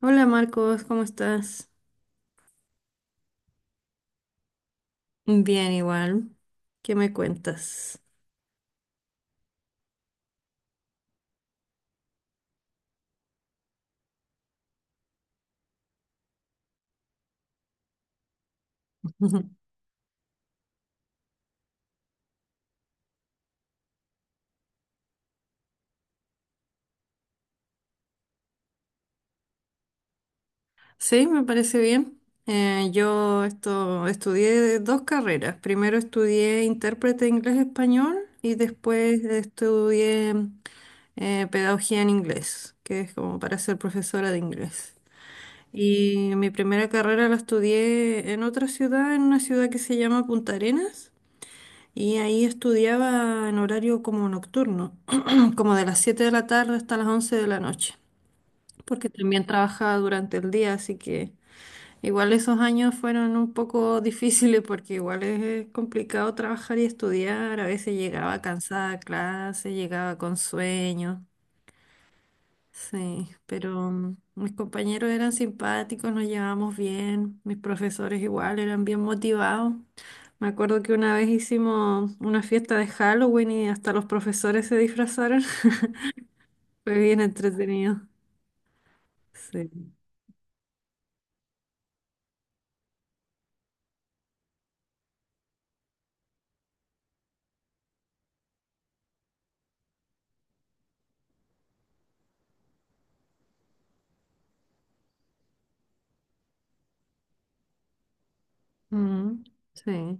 Hola Marcos, ¿cómo estás? Bien, igual. ¿Qué me cuentas? Sí, me parece bien. Yo esto, estudié dos carreras. Primero estudié intérprete inglés-español y después estudié pedagogía en inglés, que es como para ser profesora de inglés. Y mi primera carrera la estudié en otra ciudad, en una ciudad que se llama Punta Arenas. Y ahí estudiaba en horario como nocturno, como de las 7 de la tarde hasta las 11 de la noche, porque también trabajaba durante el día, así que igual esos años fueron un poco difíciles porque igual es complicado trabajar y estudiar, a veces llegaba cansada a clase, llegaba con sueño, sí, pero mis compañeros eran simpáticos, nos llevábamos bien, mis profesores igual eran bien motivados. Me acuerdo que una vez hicimos una fiesta de Halloween y hasta los profesores se disfrazaron. Fue bien entretenido. Sí. Mm, sí.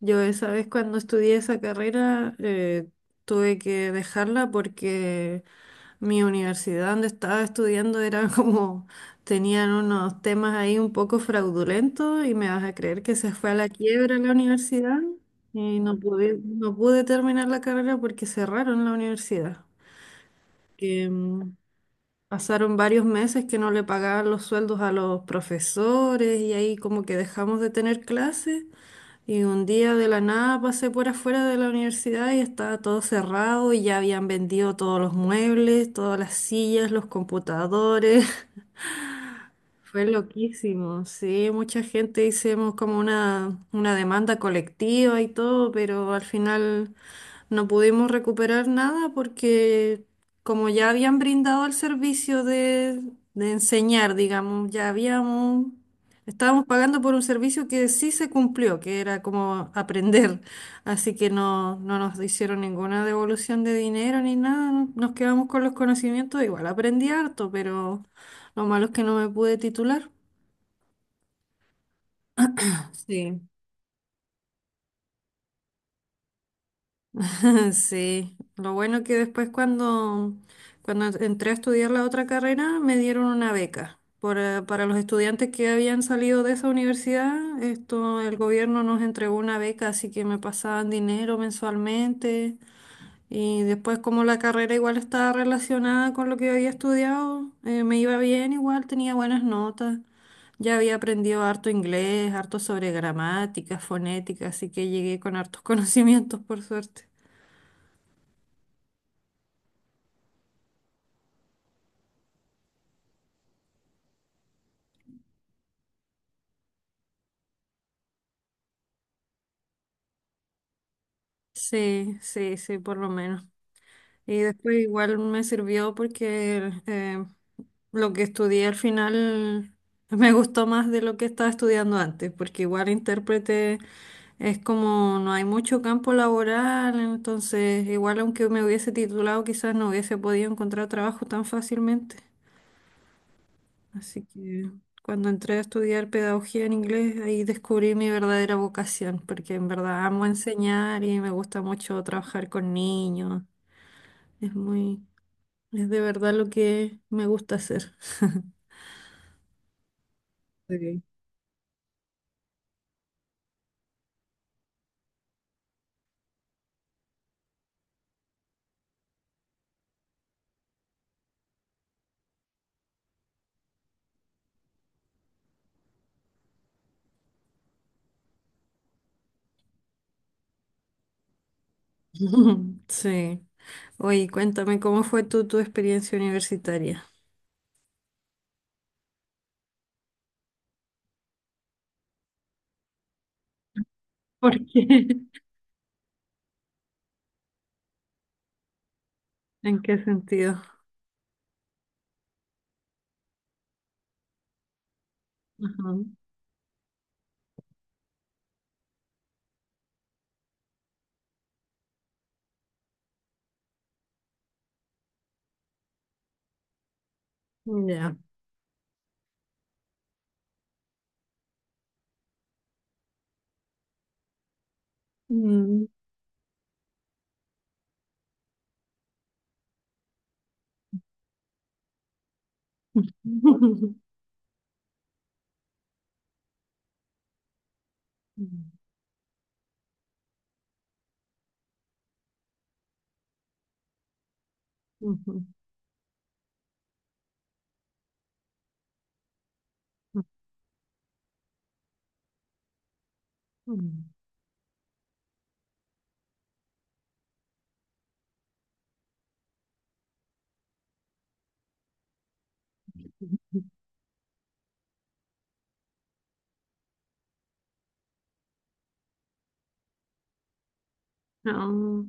Yo esa vez cuando estudié esa carrera tuve que dejarla porque mi universidad donde estaba estudiando era como, tenían unos temas ahí un poco fraudulentos y me vas a creer que se fue a la quiebra la universidad y no pude terminar la carrera porque cerraron la universidad. que mm, Pasaron varios meses que no le pagaban los sueldos a los profesores y ahí como que dejamos de tener clases y un día de la nada pasé por afuera de la universidad y estaba todo cerrado y ya habían vendido todos los muebles, todas las sillas, los computadores. Fue loquísimo, sí, mucha gente hicimos como una demanda colectiva y todo, pero al final no pudimos recuperar nada porque como ya habían brindado el servicio de enseñar, digamos, estábamos pagando por un servicio que sí se cumplió, que era como aprender, así que no nos hicieron ninguna devolución de dinero ni nada, nos quedamos con los conocimientos, igual aprendí harto, pero... Lo malo es que no me pude titular. Sí. Sí, lo bueno que después cuando entré a estudiar la otra carrera me dieron una beca. Para los estudiantes que habían salido de esa universidad, esto, el gobierno nos entregó una beca, así que me pasaban dinero mensualmente. Y después como la carrera igual estaba relacionada con lo que yo había estudiado, me iba bien igual, tenía buenas notas. Ya había aprendido harto inglés, harto sobre gramática, fonética, así que llegué con hartos conocimientos por suerte. Sí, sí, sí, por lo menos. Y después igual me sirvió porque lo que estudié al final me gustó más de lo que estaba estudiando antes, porque igual intérprete es como no hay mucho campo laboral, entonces igual aunque me hubiese titulado quizás no hubiese podido encontrar trabajo tan fácilmente. Así que cuando entré a estudiar pedagogía en inglés, ahí descubrí mi verdadera vocación, porque en verdad amo enseñar y me gusta mucho trabajar con niños. Es muy, es de verdad lo que me gusta hacer. Ok. Sí. Oye, cuéntame, ¿cómo fue tu experiencia universitaria? ¿Por qué? ¿En qué sentido? Ajá. Ya. Mm. Ujú, ujú, ujú. No,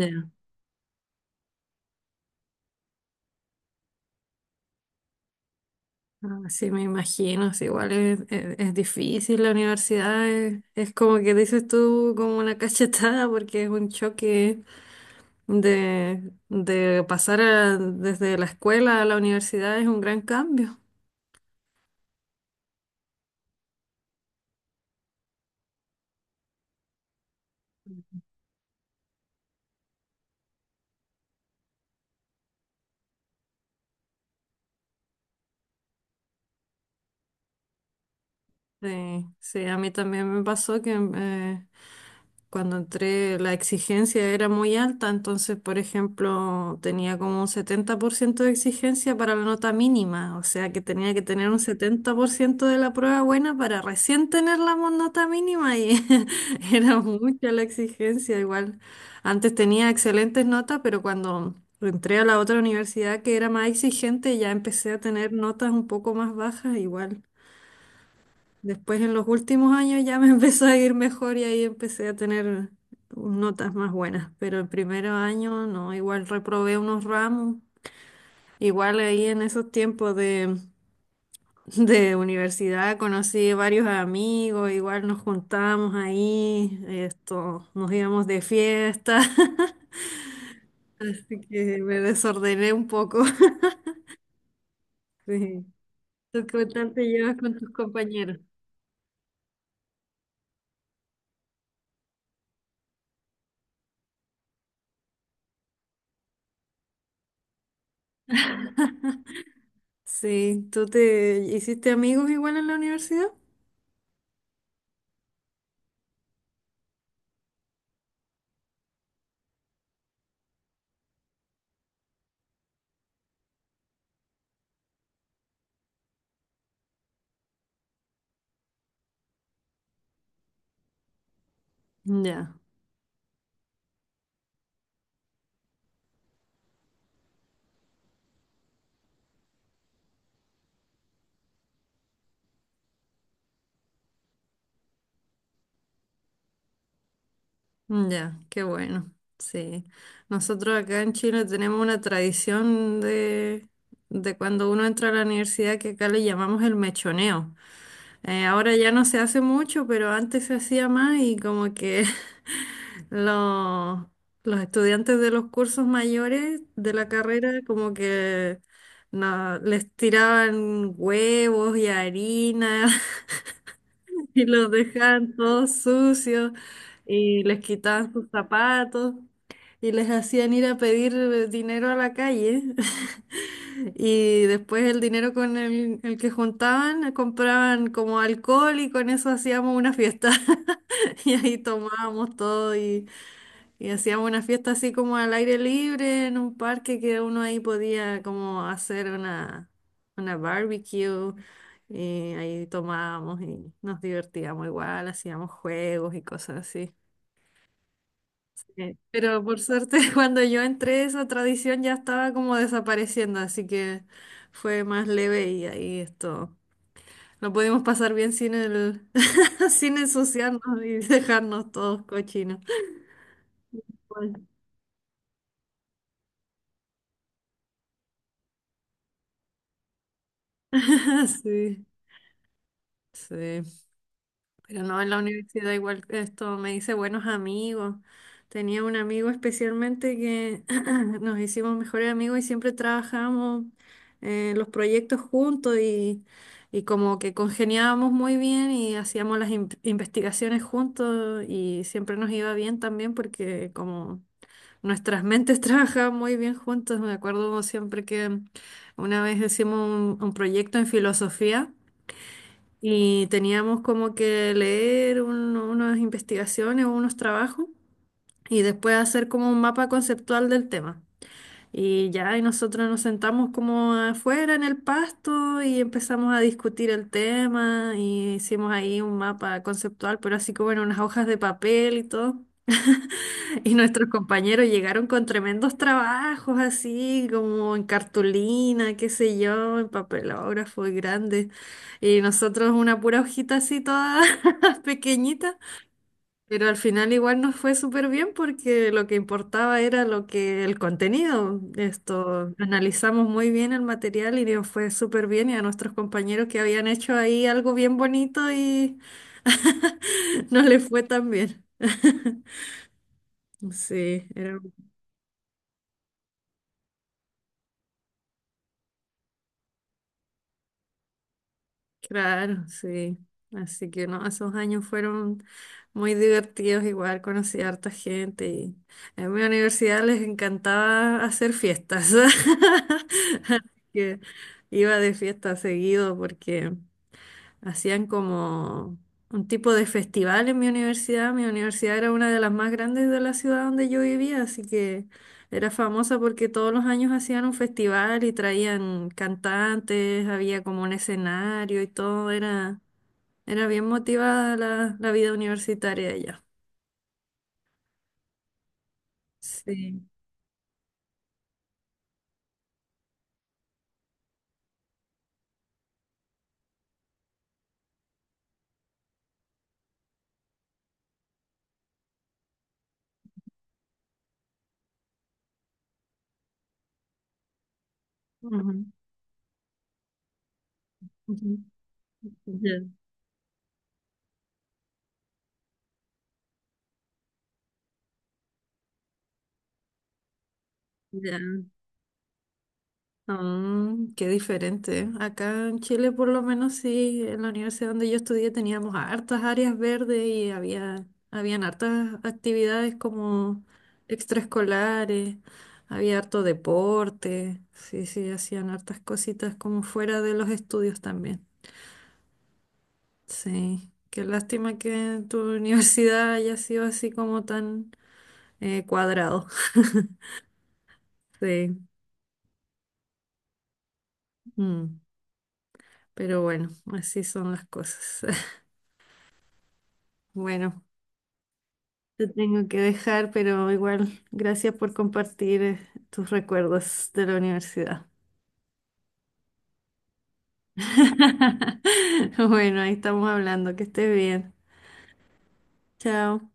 ya. Ah, sí, me imagino, sí, igual es, es difícil la universidad, es como que dices tú, como una cachetada, porque es un choque de pasar desde la escuela a la universidad, es un gran cambio. Sí, sí, a mí también me pasó que cuando entré la exigencia era muy alta, entonces, por ejemplo, tenía como un 70% de exigencia para la nota mínima, o sea que tenía que tener un 70% de la prueba buena para recién tener la nota mínima y era mucha la exigencia igual. Antes tenía excelentes notas, pero cuando entré a la otra universidad que era más exigente, ya empecé a tener notas un poco más bajas igual. Después en los últimos años ya me empezó a ir mejor y ahí empecé a tener notas más buenas, pero el primer año no, igual reprobé unos ramos, igual ahí en esos tiempos de universidad conocí varios amigos, igual nos juntábamos ahí, esto, nos íbamos de fiesta, así que me desordené un poco. Sí. ¿Tú qué tal te llevas con tus compañeros? Sí, ¿tú te hiciste amigos igual en la universidad? Ya. Mm, ya, qué bueno. Sí. Nosotros acá en Chile tenemos una tradición de cuando uno entra a la universidad que acá le llamamos el mechoneo. Ahora ya no se hace mucho, pero antes se hacía más y como que los, los estudiantes de los cursos mayores de la carrera como que no, les tiraban huevos y harina y los dejaban todos sucios y les quitaban sus zapatos y les hacían ir a pedir dinero a la calle. Y después el dinero con el que juntaban compraban como alcohol y con eso hacíamos una fiesta. Y ahí tomábamos todo y hacíamos una fiesta así como al aire libre en un parque que uno ahí podía como hacer una barbecue y ahí tomábamos y nos divertíamos igual, hacíamos juegos y cosas así. Pero por suerte cuando yo entré esa tradición ya estaba como desapareciendo, así que fue más leve y ahí esto. Lo pudimos pasar bien sin sin ensuciarnos y dejarnos todos cochinos. Bueno. Sí, sí. Pero no, en la universidad igual esto me hice buenos amigos. Tenía un amigo especialmente que nos hicimos mejores amigos y siempre trabajamos en los proyectos juntos y como que congeniábamos muy bien y hacíamos las investigaciones juntos y siempre nos iba bien también porque como nuestras mentes trabajaban muy bien juntos, me acuerdo siempre que una vez hicimos un proyecto en filosofía y teníamos como que leer unas investigaciones o unos trabajos y después hacer como un mapa conceptual del tema. Y ya, y nosotros nos sentamos como afuera en el pasto y empezamos a discutir el tema y hicimos ahí un mapa conceptual, pero así como en unas hojas de papel y todo. Y nuestros compañeros llegaron con tremendos trabajos así, como en cartulina, qué sé yo, en papelógrafo y grandes. Y nosotros una pura hojita así toda pequeñita. Pero al final igual nos fue súper bien porque lo que importaba era lo que el contenido. Esto, analizamos muy bien el material y nos fue súper bien. Y a nuestros compañeros que habían hecho ahí algo bien bonito y no les fue tan bien. Sí, era claro, sí. Así que no, esos años fueron muy divertidos, igual conocí a harta gente y en mi universidad les encantaba hacer fiestas. Así que iba de fiesta seguido porque hacían como un tipo de festival en mi universidad. Mi universidad era una de las más grandes de la ciudad donde yo vivía, así que era famosa porque todos los años hacían un festival y traían cantantes, había como un escenario y todo. Era, era bien motivada la vida universitaria allá. Sí. Ujú, ujú. Ya, ya. Mm, qué diferente. Acá en Chile, por lo menos, sí, en la universidad donde yo estudié teníamos hartas áreas verdes y habían hartas actividades como extraescolares, había harto deporte, sí, sí, hacían hartas cositas como fuera de los estudios también. Sí, qué lástima que tu universidad haya sido así como tan cuadrado. Sí, mm, pero bueno, así son las cosas. Bueno. Te tengo que dejar, pero igual, gracias por compartir tus recuerdos de la universidad. Bueno, ahí estamos hablando, que estés bien. Chao.